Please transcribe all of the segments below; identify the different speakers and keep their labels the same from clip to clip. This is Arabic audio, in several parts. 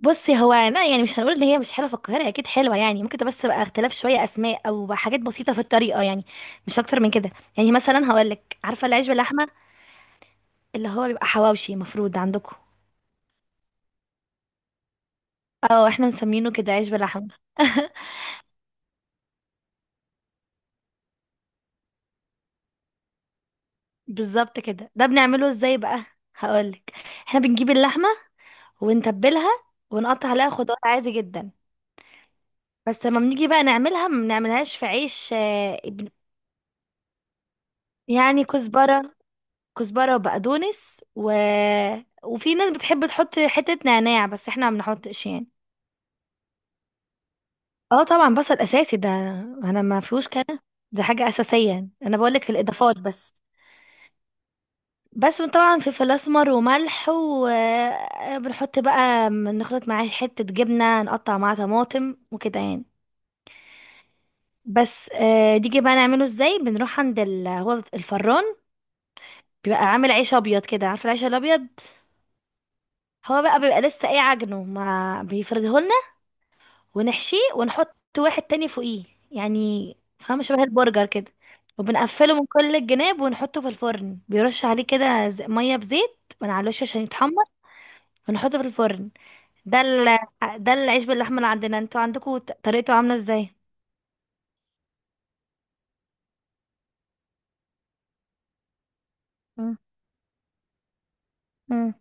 Speaker 1: بصي، هو انا يعني مش هنقول ان هي مش حلوه في القاهره. اكيد حلوه يعني، ممكن تبقى. بس بقى اختلاف شويه اسماء او حاجات بسيطه في الطريقه يعني. مش اكتر من كده. يعني مثلا هقول لك، عارفه العيش باللحمه؟ اللي هو بيبقى حواوشي مفروض عندكم. اه، احنا مسمينه كده عيش باللحمه. بالظبط كده. ده بنعمله ازاي بقى؟ هقول لك. احنا بنجيب اللحمه ونتبلها، ونقطع عليها خضار عادي جدا. بس لما بنيجي بقى نعملها، ما بنعملهاش في عيش. يعني كزبرة وبقدونس. وفي ناس بتحب تحط حتة نعناع، بس احنا ما بنحطش يعني. اه طبعا، بصل اساسي ده. انا ما فيهوش كده، ده حاجة اساسية يعني. انا بقولك الاضافات بس. بس طبعا فلفل اسمر وملح، وبنحط بقى نخلط معاه حتة جبنة، نقطع معاه طماطم وكده يعني. بس نيجي بقى نعمله ازاي. بنروح عند هو الفران بيبقى عامل عيش ابيض، كده عارفه العيش الابيض. هو بقى بيبقى لسه ايه عجنه، ما بيفرده، ونحشيه ونحط واحد تاني فوقيه. يعني فاهمة، شبه البرجر كده. وبنقفله من كل الجناب ونحطه في الفرن. بيرش عليه كده مية بزيت من على الوش عشان يتحمر. ونحطه في الفرن. ده ال... ده العيش باللحمة اللي عندنا. انتوا عندكوا طريقته عاملة ازاي؟ مم. مم.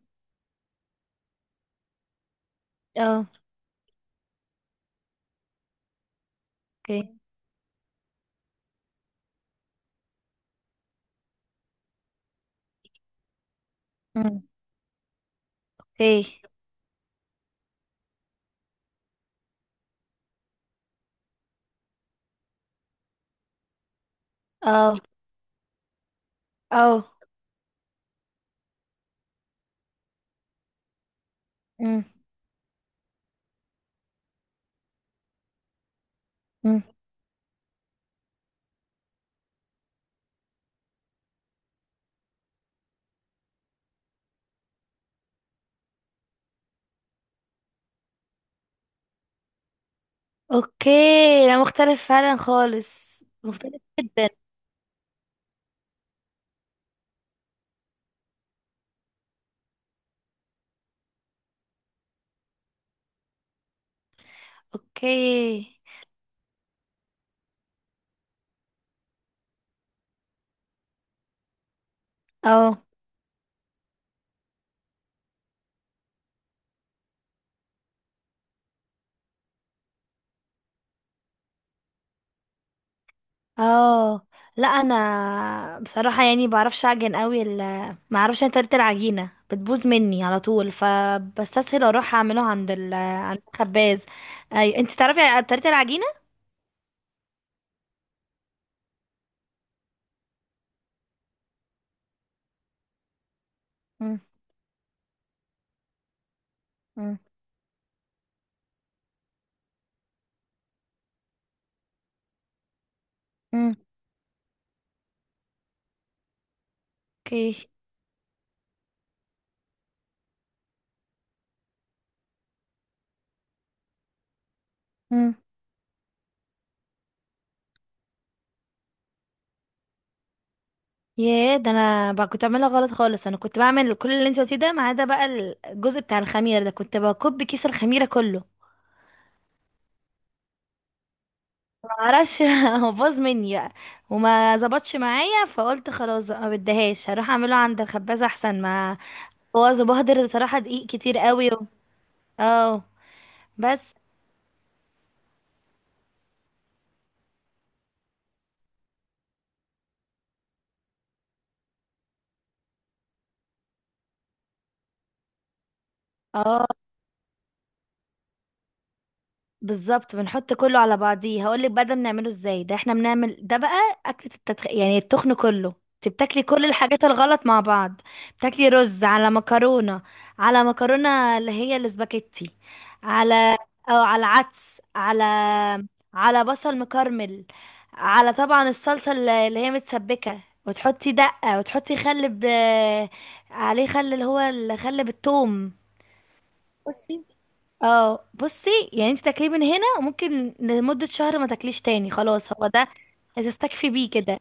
Speaker 1: اه. اوكي. مم. اوكي. اه. اه. مم. مم. اوكي. ده مختلف فعلا، خالص مختلف جدا. اوكي. اه. اه. لا انا بصراحه يعني بعرفش اعجن قوي ما اعرفش. انا طريقه العجينه بتبوظ مني على طول، فبستسهل اروح اعمله عند عند الخباز. اي، انت تعرفي طريقه العجينه؟ مم، مم، مم، اوكي. مم. ياه، ده انا بقى كنت بعملها غلط خالص. انا كنت بعمل كل اللي انت قلتيه ده، ما عدا بقى الجزء بتاع الخميره ده، كنت بكب كيس الخميره كله. معرفش هو باظ مني بقى، وما ظبطش معايا، فقلت خلاص بقى ما بديهاش، هروح اعمله عند الخبازه احسن ما هو بهدر بصراحه دقيق كتير قوي. اه. بس. اه، بالظبط. بنحط كله على بعضيه. هقولك بقى ده بنعمله ازاي. ده احنا بنعمل ده بقى اكلة يعني التخن كله. انت بتاكلي كل الحاجات الغلط مع بعض. بتاكلي رز على مكرونة، على مكرونة اللي هي الاسباجيتي. على، او على عدس، على بصل مكرمل، على طبعا الصلصة اللي هي متسبكة. وتحطي دقة، وتحطي خل. عليه خل اللي هو الخل بالثوم. اه. بصي يعني، انت تاكليه من هنا وممكن لمدة شهر ما تاكليش تاني، خلاص هو ده. هتستكفي بيه كده.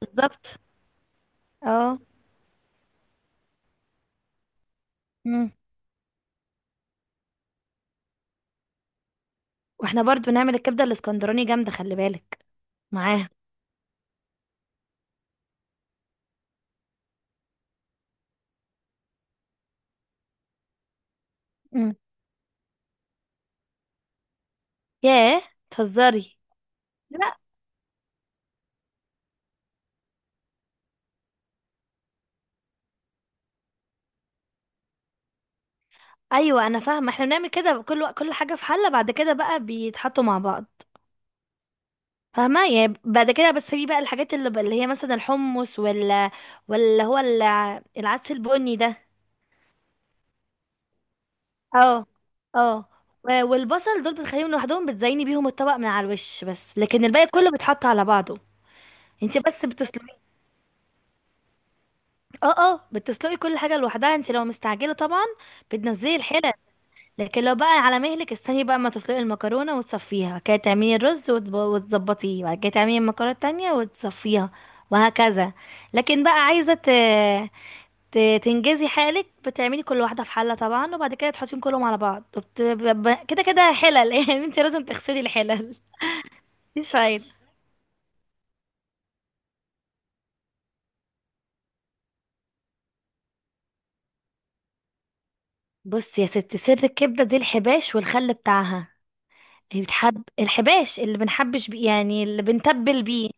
Speaker 1: بالظبط. اه. مم. واحنا برضو بنعمل الكبدة الاسكندراني جامدة، خلي بالك. معاها. مم. ياه. تهزري. لا. ايوه انا فاهمه، احنا بنعمل كده، كل كل حاجه في حله، بعد كده بقى بيتحطوا مع بعض. فاهمه يعني، بعد كده. بس في بقى الحاجات اللي هي مثلا الحمص، ولا هو العدس البني ده. اه. اه. والبصل دول بتخليهم لوحدهم، بتزيني بيهم الطبق من على الوش بس، لكن الباقي كله بيتحط على بعضه. انت بس بتسلقي. اه. اه بتسلقي كل حاجه لوحدها انت لو مستعجله، طبعا بتنزلي الحله. لكن لو بقى على مهلك، استني بقى ما تسلقي المكرونه وتصفيها، بعد كده تعملي الرز وتظبطيه، بعد كده تعملي المكرونه التانية وتصفيها، وهكذا. لكن بقى عايزه تنجزي حالك، بتعملي كل واحده في حله طبعا، وبعد كده تحطيهم كلهم على بعض، كده كده حلل يعني انت لازم تغسلي الحلل. مش فايده. بصي يا ستي، سر الكبده دي الحباش والخل بتاعها. هي بتحب الحباش، اللي بنحبش بيه يعني، اللي بنتبل بيه.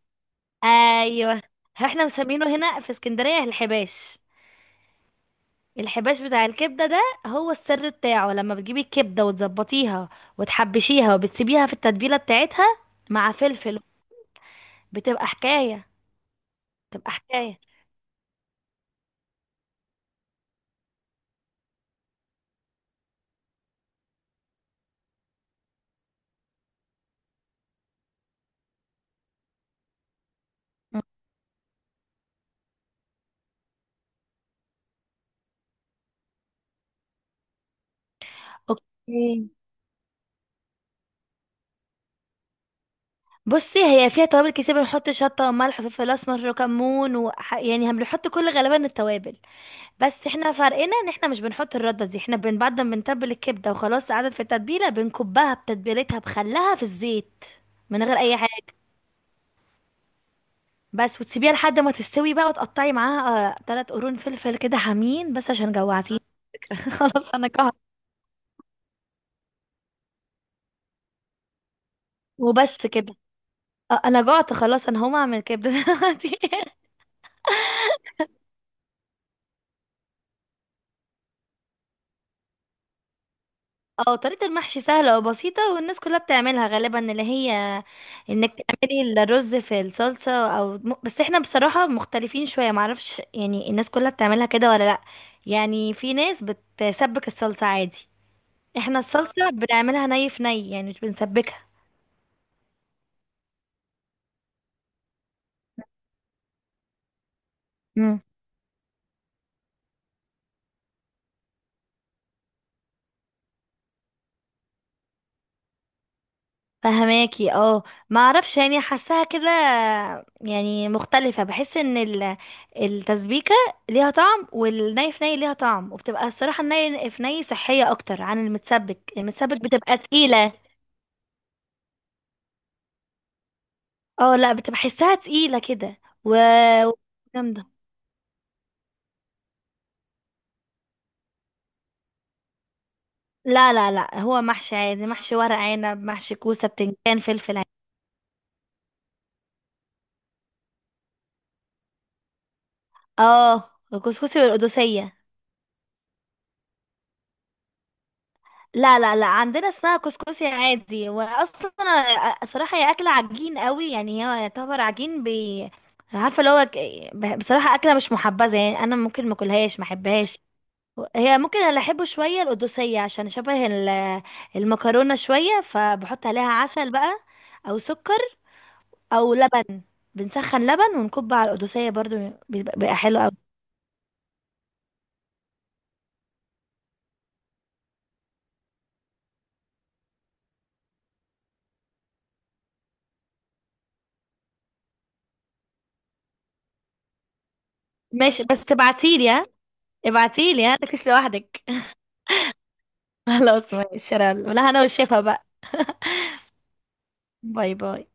Speaker 1: ايوه. احنا مسمينه هنا في اسكندريه الحباش. الحباش بتاع الكبده ده هو السر بتاعه. لما بتجيبي الكبده وتظبطيها وتحبشيها وبتسيبيها في التتبيله بتاعتها مع فلفل، بتبقى حكايه. تبقى حكايه. اوكي، بصي هي فيها توابل كتير، بنحط شطه وملح وفلفل اسمر وكمون. يعني هم بنحط كل، غالبا التوابل. بس احنا فرقنا ان احنا مش بنحط الرده دي. احنا بعد ما بنتبل الكبده وخلاص قعدت في التتبيله، بنكبها بتتبيلتها، بخلها في الزيت من غير اي حاجه بس. وتسيبيها لحد ما تستوي بقى، وتقطعي معاها ثلاث قرون فلفل كده حامين، بس عشان جوعتيني. خلاص انا جعت. وبس كده. انا جعت خلاص، انا هقوم اعمل كبده دلوقتي. اه، طريقة المحشي سهلة وبسيطة، والناس كلها بتعملها غالبا، اللي هي انك تعملي الرز في الصلصة. او بس احنا بصراحة مختلفين شوية. معرفش يعني الناس كلها بتعملها كده ولا لا. يعني في ناس بتسبك الصلصة عادي، احنا الصلصة بنعملها ني في ني يعني، مش بنسبكها. فهماكي؟ اه. ما اعرفش يعني، حاساها كده، يعني مختلفة. بحس ان التسبيكة ليها طعم، والني في ني ليها طعم، وبتبقى الصراحة الني في ني صحية اكتر عن المتسبك. المتسبك بتبقى تقيلة. اه. لا، بتبقى حسها تقيلة كده و. جامدة. لا لا لا، هو محشي عادي، محشي ورق عنب، محشي كوسة، بتنجان، فلفل عادي. اه، الكسكسي والقدوسية. لا لا لا، عندنا اسمها كسكسي عادي. واصلا أنا صراحه هي اكله عجين قوي، يعني هي يعتبر عجين. بي عارفه اللي هو بصراحه اكله مش محبذه، يعني انا ممكن ما اكلهاش، ما احبهاش. هي ممكن اللي احبه شويه القدوسيه، عشان شبه المكرونه شويه، فبحط عليها عسل بقى، او سكر، او لبن. بنسخن لبن ونكب على القدوسيه برضو، بيبقى حلو قوي. ماشي، بس تبعتيلي ها. ابعتيلي ها، متاكليش لوحدك. خلاص، ماشي يلا. لا انا والشيفه بقى. باي باي.